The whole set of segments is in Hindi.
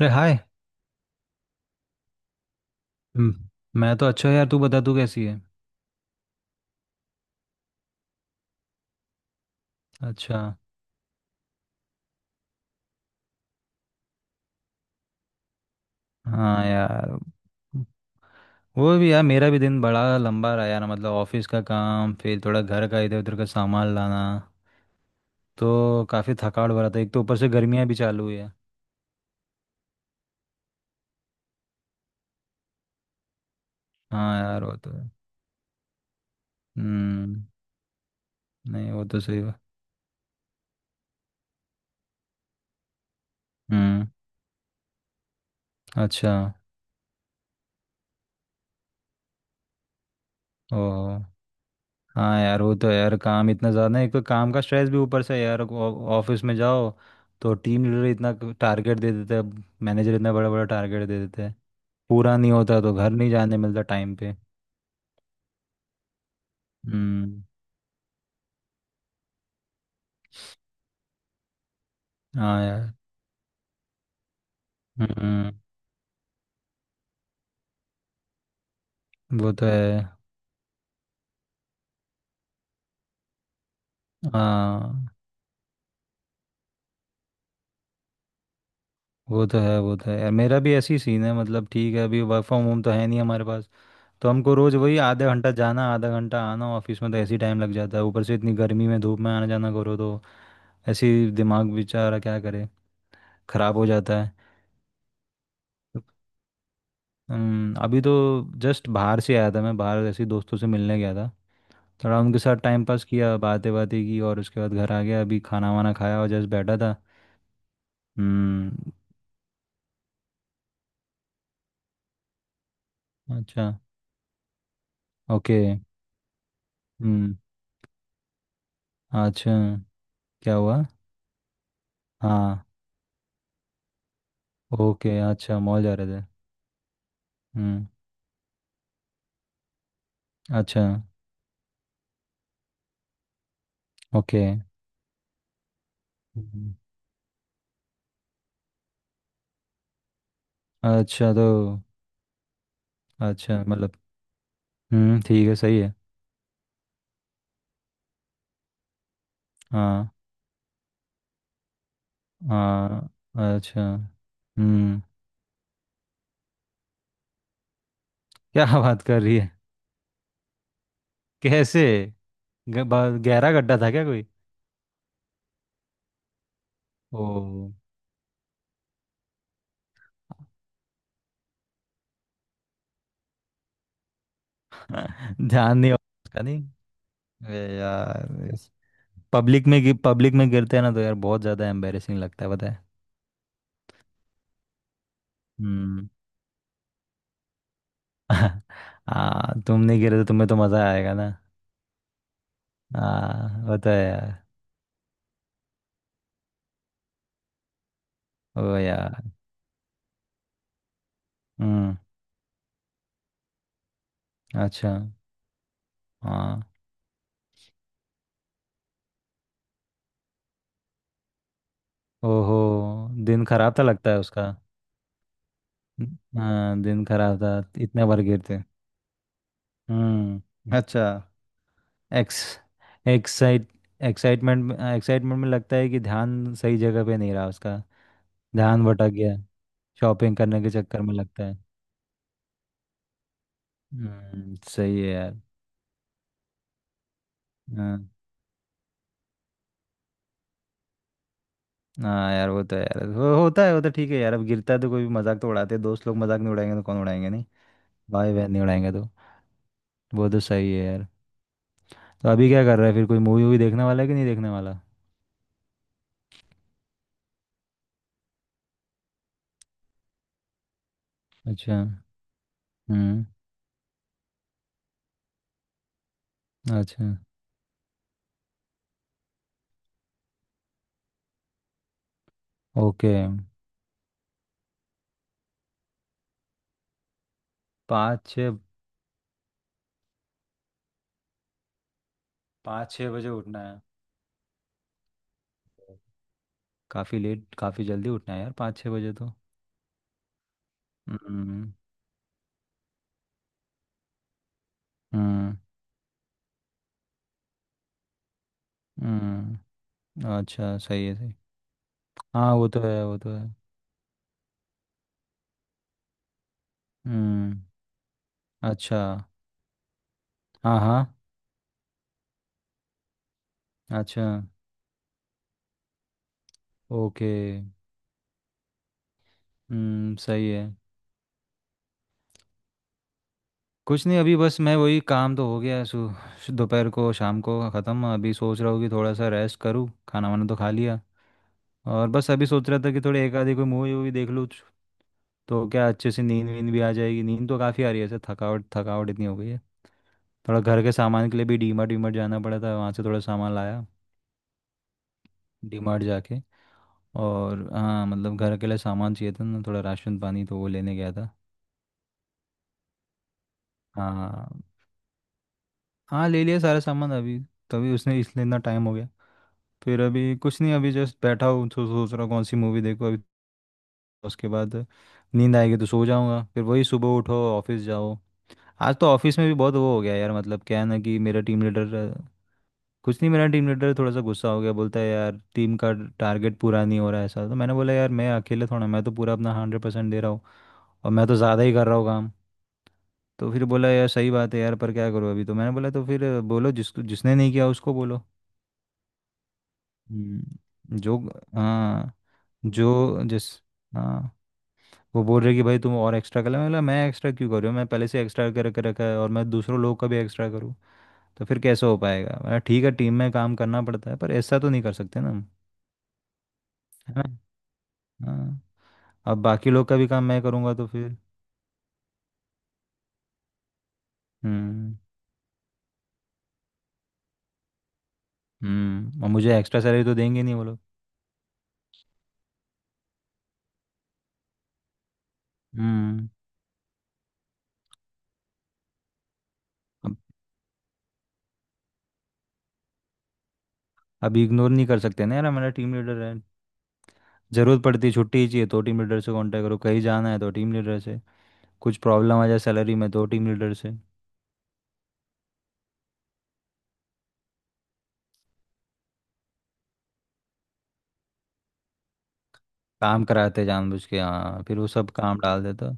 अरे हाय। हम्म। मैं तो अच्छा हूँ यार, तू बता तू कैसी है? अच्छा। हाँ यार, वो भी यार मेरा भी दिन बड़ा लंबा रहा यार, मतलब ऑफिस का काम, फिर थोड़ा घर का इधर उधर का सामान लाना, तो काफ़ी थकावट भरा था। एक तो ऊपर से गर्मियाँ भी चालू हुई है। हाँ यार, वो तो है। हम्म। नहीं, वो तो सही है। हम्म। अच्छा। ओ। हाँ यार, वो तो यार काम इतना ज़्यादा है। एक तो काम का स्ट्रेस भी ऊपर से है यार। ऑफिस में जाओ तो टीम लीडर इतना टारगेट दे देता है। मैनेजर इतना बड़ा बड़ा टारगेट दे देता है। पूरा नहीं होता तो घर नहीं जाने मिलता टाइम पे। हम्म। हाँ यार। हम्म। वो तो है। हाँ, वो तो है यार। मेरा भी ऐसी सीन है, मतलब ठीक है अभी वर्क फ्रॉम होम तो है नहीं हमारे पास। तो हमको रोज़ वही आधा घंटा जाना आधा घंटा आना ऑफिस में, तो ऐसे ही टाइम लग जाता है। ऊपर से इतनी गर्मी में धूप में आना जाना करो तो ऐसे ही दिमाग बेचारा क्या करे, ख़राब हो जाता है। अभी तो जस्ट बाहर से आया था मैं। बाहर ऐसे ही दोस्तों से मिलने गया था। थोड़ा उनके साथ टाइम पास किया, बातें बातें की, और उसके बाद घर आ गया। अभी खाना वाना खाया और जस्ट बैठा था। हम्म। अच्छा। ओके। हम्म। अच्छा। क्या हुआ? हाँ। ओके अच्छा, मॉल जा रहे थे। हम्म। अच्छा। ओके। हम्म, अच्छा तो। अच्छा मतलब। ठीक है, सही है। हाँ। हाँ। अच्छा। हम्म। क्या बात कर रही है? कैसे? गहरा गड्ढा था क्या कोई? ओ। ध्यान नहीं होगा उसका, नहीं। अरे यार। पब्लिक में गिरते हैं ना तो यार बहुत ज्यादा एम्बेरसिंग लगता है पता है। हम्म। तुम नहीं गिरे तो तुम्हें तो मजा आएगा ना। आ, होता है यार। ओ यार। हम्म। अच्छा। हाँ। ओहो। दिन खराब था लगता है उसका। हाँ दिन खराब था। इतने बार गिरते। हम्म। अच्छा। एक्स एक्साइट एक्साइटमेंट में लगता है कि ध्यान सही जगह पे नहीं रहा उसका। ध्यान भटक गया, शॉपिंग करने के चक्कर में लगता है। सही है यार। हाँ। हाँ यार वो तो है यार, वो होता है, वो तो ठीक है यार। अब गिरता है तो कोई भी मजाक तो उड़ाते हैं, दोस्त लोग मजाक नहीं उड़ाएंगे तो कौन उड़ाएंगे? नहीं, भाई बहन नहीं उड़ाएंगे तो। वो तो सही है यार। तो अभी क्या कर रहा है, फिर कोई मूवी वूवी देखने वाला है कि नहीं देखने वाला? अच्छा। हम्म। अच्छा। ओके। पाँच छः। पाँच छः बजे उठना है? काफ़ी लेट काफ़ी जल्दी उठना है यार, पाँच छः बजे तो। हम्म। हम्म। हम्म, अच्छा सही है सही। हाँ, वो तो है वो तो है। हम्म। अच्छा। हाँ हाँ। अच्छा। ओके। सही है। कुछ नहीं, अभी बस मैं वही काम तो हो गया, सु सु- दोपहर को शाम को ख़त्म। अभी सोच रहा हूँ कि थोड़ा सा रेस्ट करूँ, खाना वाना तो खा लिया, और बस अभी सोच रहा था कि थोड़ी एक आधी कोई मूवी वूवी देख लूँ, तो क्या अच्छे से नींद वींद भी आ जाएगी। नींद तो काफ़ी आ रही है, ऐसे थकावट थकावट इतनी हो गई है। थोड़ा घर के सामान के लिए भी डीमार्ट वीमार्ट जाना पड़ा था, वहाँ से थोड़ा सामान लाया। डीमार्ट जाके और हाँ मतलब घर के लिए सामान चाहिए था ना, थोड़ा राशन पानी, तो वो लेने गया था। हाँ। हाँ ले लिया सारा सामान अभी, तभी उसने इसलिए इतना टाइम हो गया। फिर अभी कुछ नहीं, अभी जस्ट बैठा हूँ, तो सोच रहा हूँ कौन सी मूवी देखो अभी। उसके बाद नींद आएगी तो सो जाऊँगा, फिर वही सुबह उठो ऑफिस जाओ। आज तो ऑफिस में भी बहुत वो हो गया यार, मतलब क्या है ना कि मेरा टीम लीडर। कुछ नहीं, मेरा टीम लीडर थोड़ा सा गुस्सा हो गया। बोलता है यार टीम का टारगेट पूरा नहीं हो रहा है ऐसा। तो मैंने बोला यार मैं अकेले थोड़ा, मैं तो पूरा अपना 100% दे रहा हूँ, और मैं तो ज़्यादा ही कर रहा हूँ काम। तो फिर बोला यार सही बात है यार, पर क्या करूँ अभी। तो मैंने बोला तो फिर बोलो जिस जिसने नहीं किया उसको बोलो। जो। हाँ। जो जिस। हाँ। वो बोल रहे कि भाई तुम और एक्स्ट्रा कर ले, मैं बोला मैं एक्स्ट्रा क्यों कर रही हूँ, मैं पहले से एक्स्ट्रा कर कर रखा है, और मैं दूसरों लोग का भी एक्स्ट्रा करूँ तो फिर कैसे हो पाएगा। मैं ठीक है टीम में काम करना पड़ता है पर ऐसा तो नहीं कर सकते ना हम। है ना? हाँ। अब बाकी लोग का भी काम मैं करूँगा तो फिर। हम्म। और मुझे एक्स्ट्रा सैलरी तो देंगे नहीं वो लोग। हम्म। अब अब इग्नोर नहीं कर सकते ना यार, हमारा टीम लीडर है। ज़रूरत पड़ती है छुट्टी ही चाहिए तो टीम लीडर से कांटेक्ट करो, कहीं जाना है तो टीम लीडर से, कुछ प्रॉब्लम आ जाए सैलरी में तो टीम लीडर से। काम कराते जानबूझ के हाँ, फिर वो सब काम डाल देता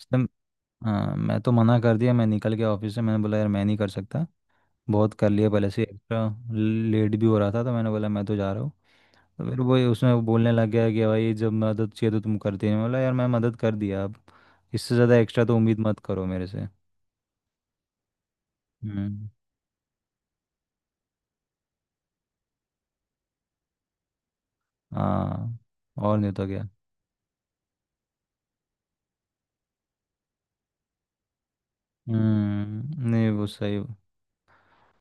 इसलिए। हाँ मैं तो मना कर दिया, मैं निकल गया ऑफिस से। मैंने बोला यार मैं नहीं कर सकता, बहुत कर लिया पहले से एक्स्ट्रा। लेट भी हो रहा था तो मैंने बोला मैं तो जा रहा हूँ। तो फिर वो उसमें वो बोलने लग गया कि भाई जब मदद चाहिए तो तुम करती नहीं। मैं बोला यार मैं मदद कर दिया अब, इससे ज़्यादा एक्स्ट्रा तो उम्मीद मत करो मेरे से। हम्म। हाँ। और नहीं तो क्या। हम्म। नहीं वो सही वो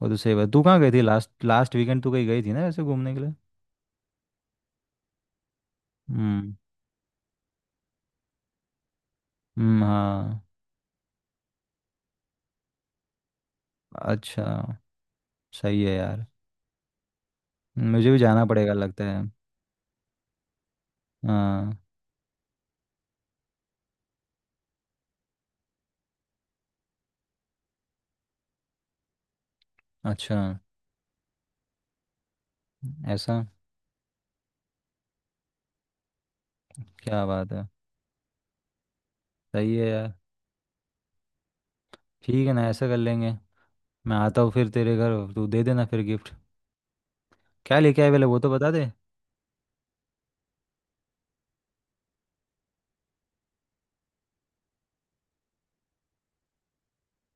तो सही बात। तू कहाँ गई थी लास्ट लास्ट वीकेंड, तू कहीं गई थी ना ऐसे घूमने के लिए? हम्म। हाँ। अच्छा सही है यार। मुझे भी जाना पड़ेगा लगता है। हाँ। अच्छा। ऐसा। क्या बात है। सही है यार। ठीक है ना ऐसा कर लेंगे। मैं आता हूँ फिर तेरे घर, तू दे देना फिर गिफ्ट। क्या लेके आए पहले वो तो बता दे।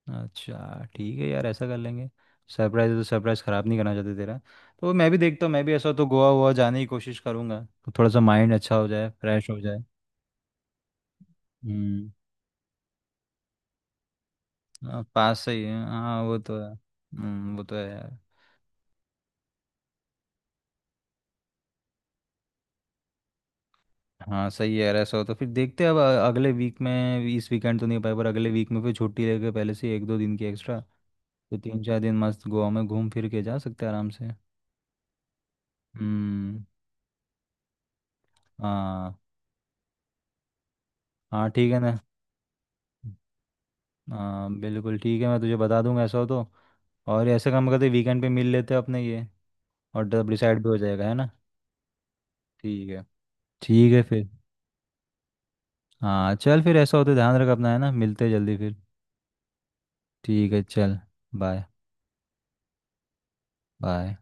अच्छा ठीक है यार, ऐसा कर लेंगे। सरप्राइज है तो सरप्राइज ख़राब नहीं करना चाहते तेरा। तो मैं भी देखता हूँ, मैं भी ऐसा हो तो गोवा वोवा जाने की कोशिश करूँगा। तो थोड़ा सा माइंड अच्छा हो जाए, फ्रेश हो जाए। हम्म। हाँ, पास सही है। हाँ वो तो है। वो तो है यार। हाँ सही है यार, ऐसा हो तो फिर देखते हैं। अब अगले वीक में, इस वीकेंड तो नहीं हो पाए, पर अगले वीक में फिर छुट्टी लेके पहले से एक दो दिन की एक्स्ट्रा, तो तीन चार दिन मस्त गोवा में घूम फिर के जा सकते हैं आराम से। हम्म। हाँ। हाँ ठीक है ना, हाँ बिल्कुल ठीक है। मैं तुझे बता दूंगा ऐसा हो तो। और ऐसे काम करते वीकेंड पे मिल लेते हैं अपने ये, और तब डिसाइड भी हो जाएगा है ना। ठीक है। ठीक है फिर, हाँ चल फिर, ऐसा हो तो ध्यान रख अपना, है ना? मिलते हैं जल्दी फिर। ठीक है चल। बाय। बाय।